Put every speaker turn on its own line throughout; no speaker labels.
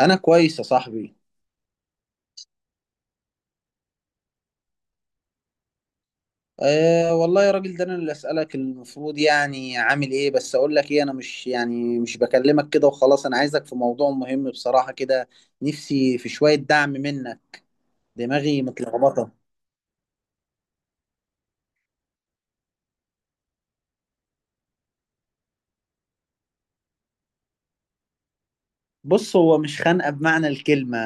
انا كويس يا صاحبي. أه والله يا راجل، ده انا اللي اسالك المفروض، يعني عامل ايه؟ بس اقول لك ايه، انا مش بكلمك كده وخلاص، انا عايزك في موضوع مهم بصراحة كده. نفسي في شوية دعم منك. دماغي متلخبطة. بص، هو مش خانقة بمعنى الكلمة،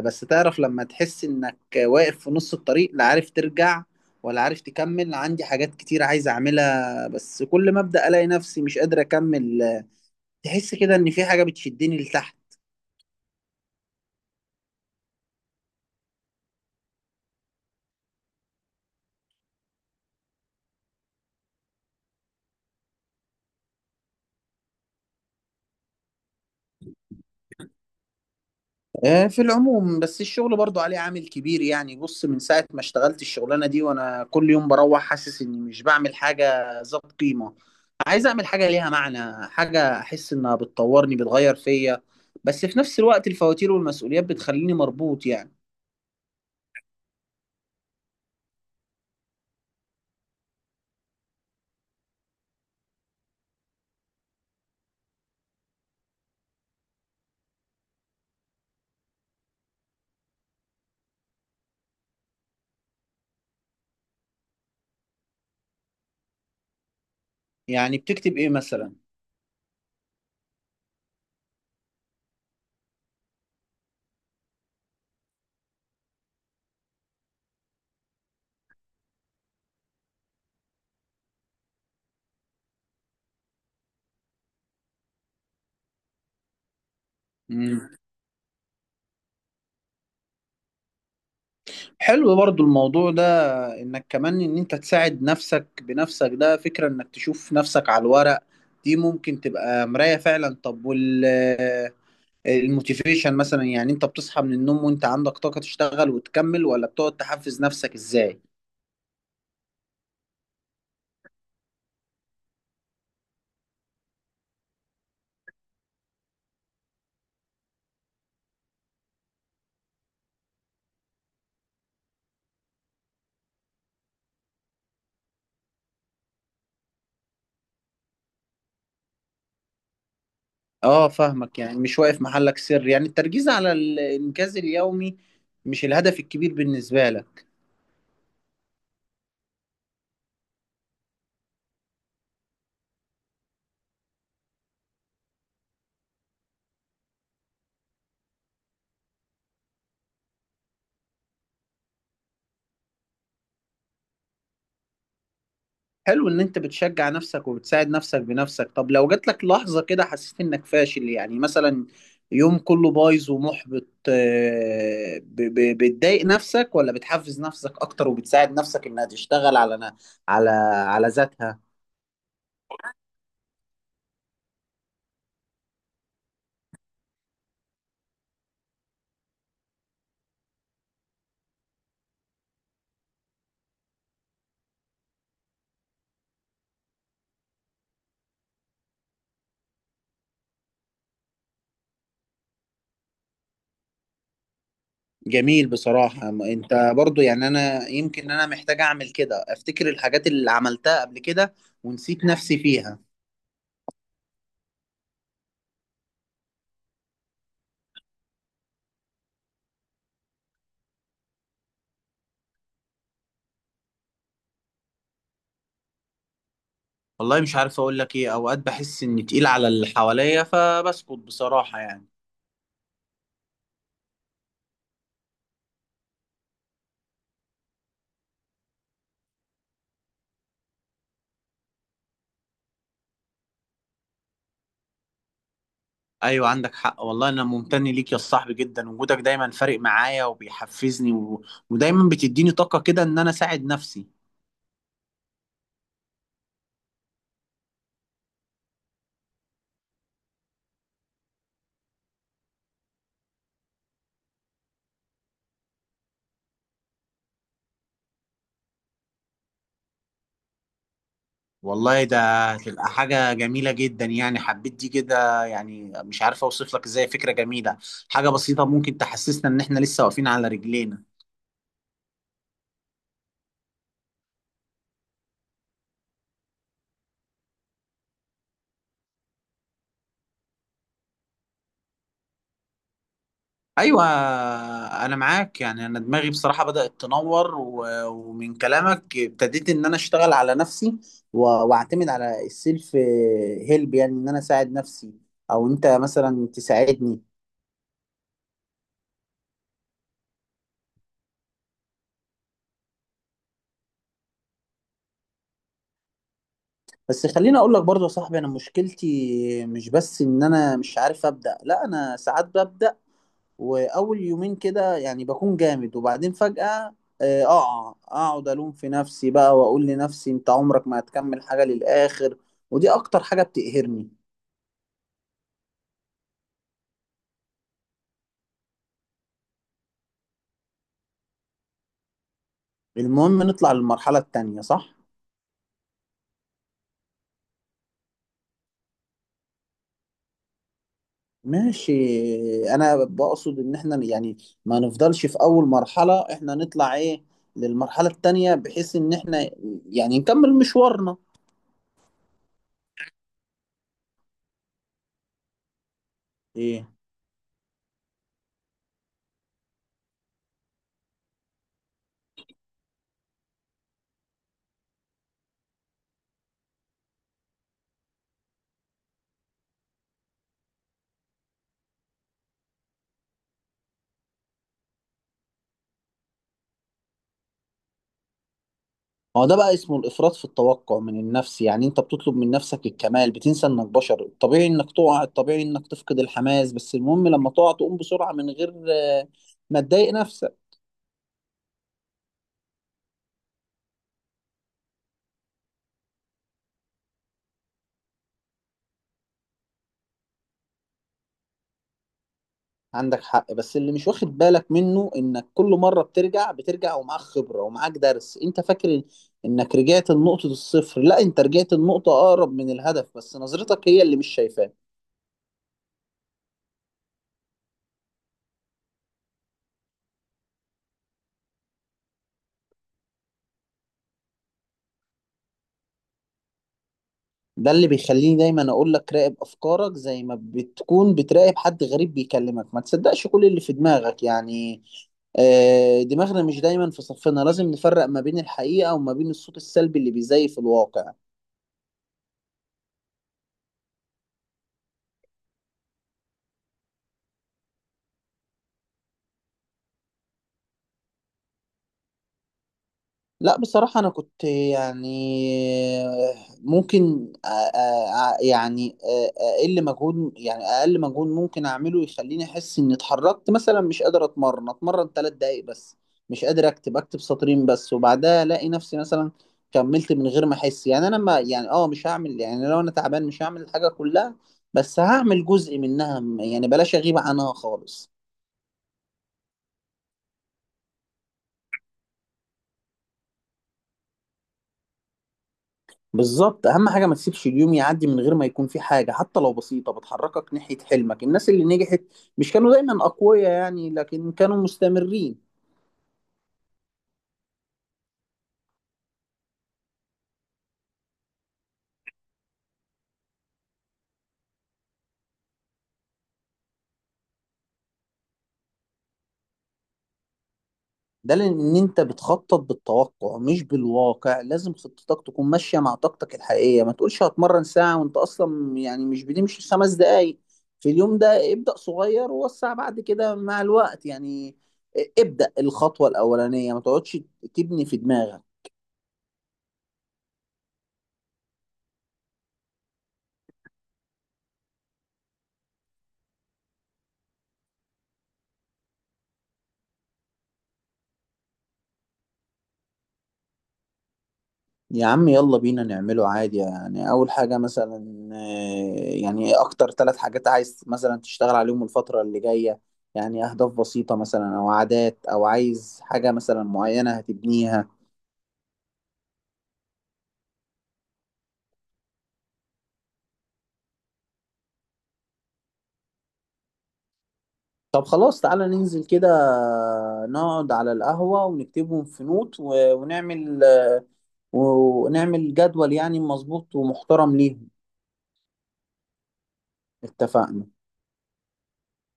بس تعرف لما تحس انك واقف في نص الطريق، لا عارف ترجع ولا عارف تكمل. عندي حاجات كتير عايز اعملها، بس كل ما ابدا الاقي نفسي مش قادر اكمل. تحس كده ان في حاجة بتشدني لتحت. آه، في العموم، بس الشغل برضو عليه عامل كبير يعني. بص، من ساعة ما اشتغلت الشغلانة دي وانا كل يوم بروح حاسس اني مش بعمل حاجة ذات قيمة. عايز اعمل حاجة ليها معنى، حاجة احس انها بتطورني، بتغير فيا، بس في نفس الوقت الفواتير والمسؤوليات بتخليني مربوط يعني. يعني بتكتب ايه مثلا؟ مم. حلو برضو الموضوع ده، انك كمان ان انت تساعد نفسك بنفسك، ده فكرة انك تشوف نفسك على الورق، دي ممكن تبقى مراية فعلا. طب الموتيفيشن مثلا؟ يعني انت بتصحى من النوم وانت عندك طاقة تشتغل وتكمل، ولا بتقعد تحفز نفسك ازاي؟ اه فاهمك، يعني مش واقف محلك سر، يعني التركيز على الانجاز اليومي مش الهدف الكبير بالنسبة لك. حلو ان انت بتشجع نفسك وبتساعد نفسك بنفسك. طب لو جات لك لحظة كده حسيت انك فاشل، يعني مثلا يوم كله بايظ ومحبط، بتضايق نفسك، ولا بتحفز نفسك اكتر وبتساعد نفسك انها تشتغل على على على ذاتها؟ جميل بصراحة. ما انت برضو يعني، انا يمكن انا محتاج اعمل كده، افتكر الحاجات اللي عملتها قبل كده ونسيت نفسي فيها. والله مش عارف اقول لك ايه، اوقات بحس اني تقيل على اللي حواليا فبسكت بصراحة يعني. ايوه، عندك حق والله. انا ممتن ليك يا صاحبي جدا، وجودك دايما فارق معايا وبيحفزني ودايما بتديني طاقة كده ان انا اساعد نفسي. والله ده, هتبقى حاجة جميلة جدا يعني، حبيت دي كده، يعني مش عارف اوصف لك ازاي، فكرة جميلة. حاجة بسيطة ممكن تحسسنا ان احنا لسه واقفين على رجلينا. ايوه، انا معاك. يعني انا دماغي بصراحة بدأت تنور، ومن كلامك ابتديت ان انا اشتغل على نفسي و- واعتمد على السيلف هيلب، يعني ان انا اساعد نفسي او انت مثلا تساعدني. بس خليني اقول لك برضه يا صاحبي، انا مشكلتي مش بس ان انا مش عارف ابدأ، لا انا ساعات ببدأ، واول يومين كده يعني بكون جامد، وبعدين فجأة اقع، اقعد الوم في نفسي بقى واقول لنفسي انت عمرك ما هتكمل حاجة للآخر، ودي اكتر حاجة بتقهرني. المهم نطلع للمرحلة التانية، صح؟ ماشي. انا بقصد ان احنا يعني ما نفضلش في اول مرحلة، احنا نطلع ايه للمرحلة التانية، بحيث ان احنا يعني نكمل مشوارنا. ايه؟ هو ده بقى اسمه الإفراط في التوقع من النفس، يعني أنت بتطلب من نفسك الكمال، بتنسى إنك بشر، الطبيعي إنك تقع، الطبيعي إنك تفقد الحماس، بس المهم لما تقع تقوم بسرعة من غير ما تضايق نفسك. عندك حق، بس اللي مش واخد بالك منه إنك كل مرة بترجع ومعاك خبرة ومعاك درس. أنت فاكر إنك رجعت لنقطة الصفر، لا أنت رجعت لنقطة أقرب من الهدف، بس نظرتك هي اللي مش شايفاه. ده اللي بيخليني دايما اقول لك راقب افكارك زي ما بتكون بتراقب حد غريب بيكلمك، ما تصدقش كل اللي في دماغك يعني. دماغنا مش دايما في صفنا، لازم نفرق ما بين الحقيقة وما بين الصوت السلبي اللي بيزيف الواقع. لا بصراحة أنا كنت يعني ممكن يعني أقل مجهود، يعني أقل مجهود ممكن أعمله يخليني أحس إني اتحركت. مثلا مش قادر أتمرن 3 دقايق بس، مش قادر أكتب سطرين بس، وبعدها ألاقي نفسي مثلا كملت من غير ما أحس. يعني أنا ما يعني مش هعمل، يعني لو أنا تعبان مش هعمل الحاجة كلها بس هعمل جزء منها، يعني بلاش أغيب عنها خالص. بالظبط، اهم حاجه ما تسيبش اليوم يعدي من غير ما يكون في حاجه، حتى لو بسيطه، بتحركك ناحيه حلمك. الناس اللي نجحت مش كانوا دايما اقوياء يعني، لكن كانوا مستمرين. ده لان انت بتخطط بالتوقع مش بالواقع، لازم خطتك تكون ماشيه مع طاقتك الحقيقيه، ما تقولش هتمرن ساعه وانت اصلا يعني مش بتمشي 5 دقايق في اليوم. ده ابدا صغير ووسع بعد كده مع الوقت يعني. ابدا الخطوه الاولانيه، ما تقعدش تبني في دماغك. يا عم يلا بينا نعمله عادي يعني. أول حاجة مثلا، يعني أكتر ثلاث حاجات عايز مثلا تشتغل عليهم الفترة اللي جاية، يعني أهداف بسيطة مثلا، أو عادات، أو عايز حاجة مثلا معينة هتبنيها. طب خلاص، تعالى ننزل كده، نقعد على القهوة ونكتبهم في نوت، ونعمل جدول يعني مظبوط ومحترم ليهم. اتفقنا.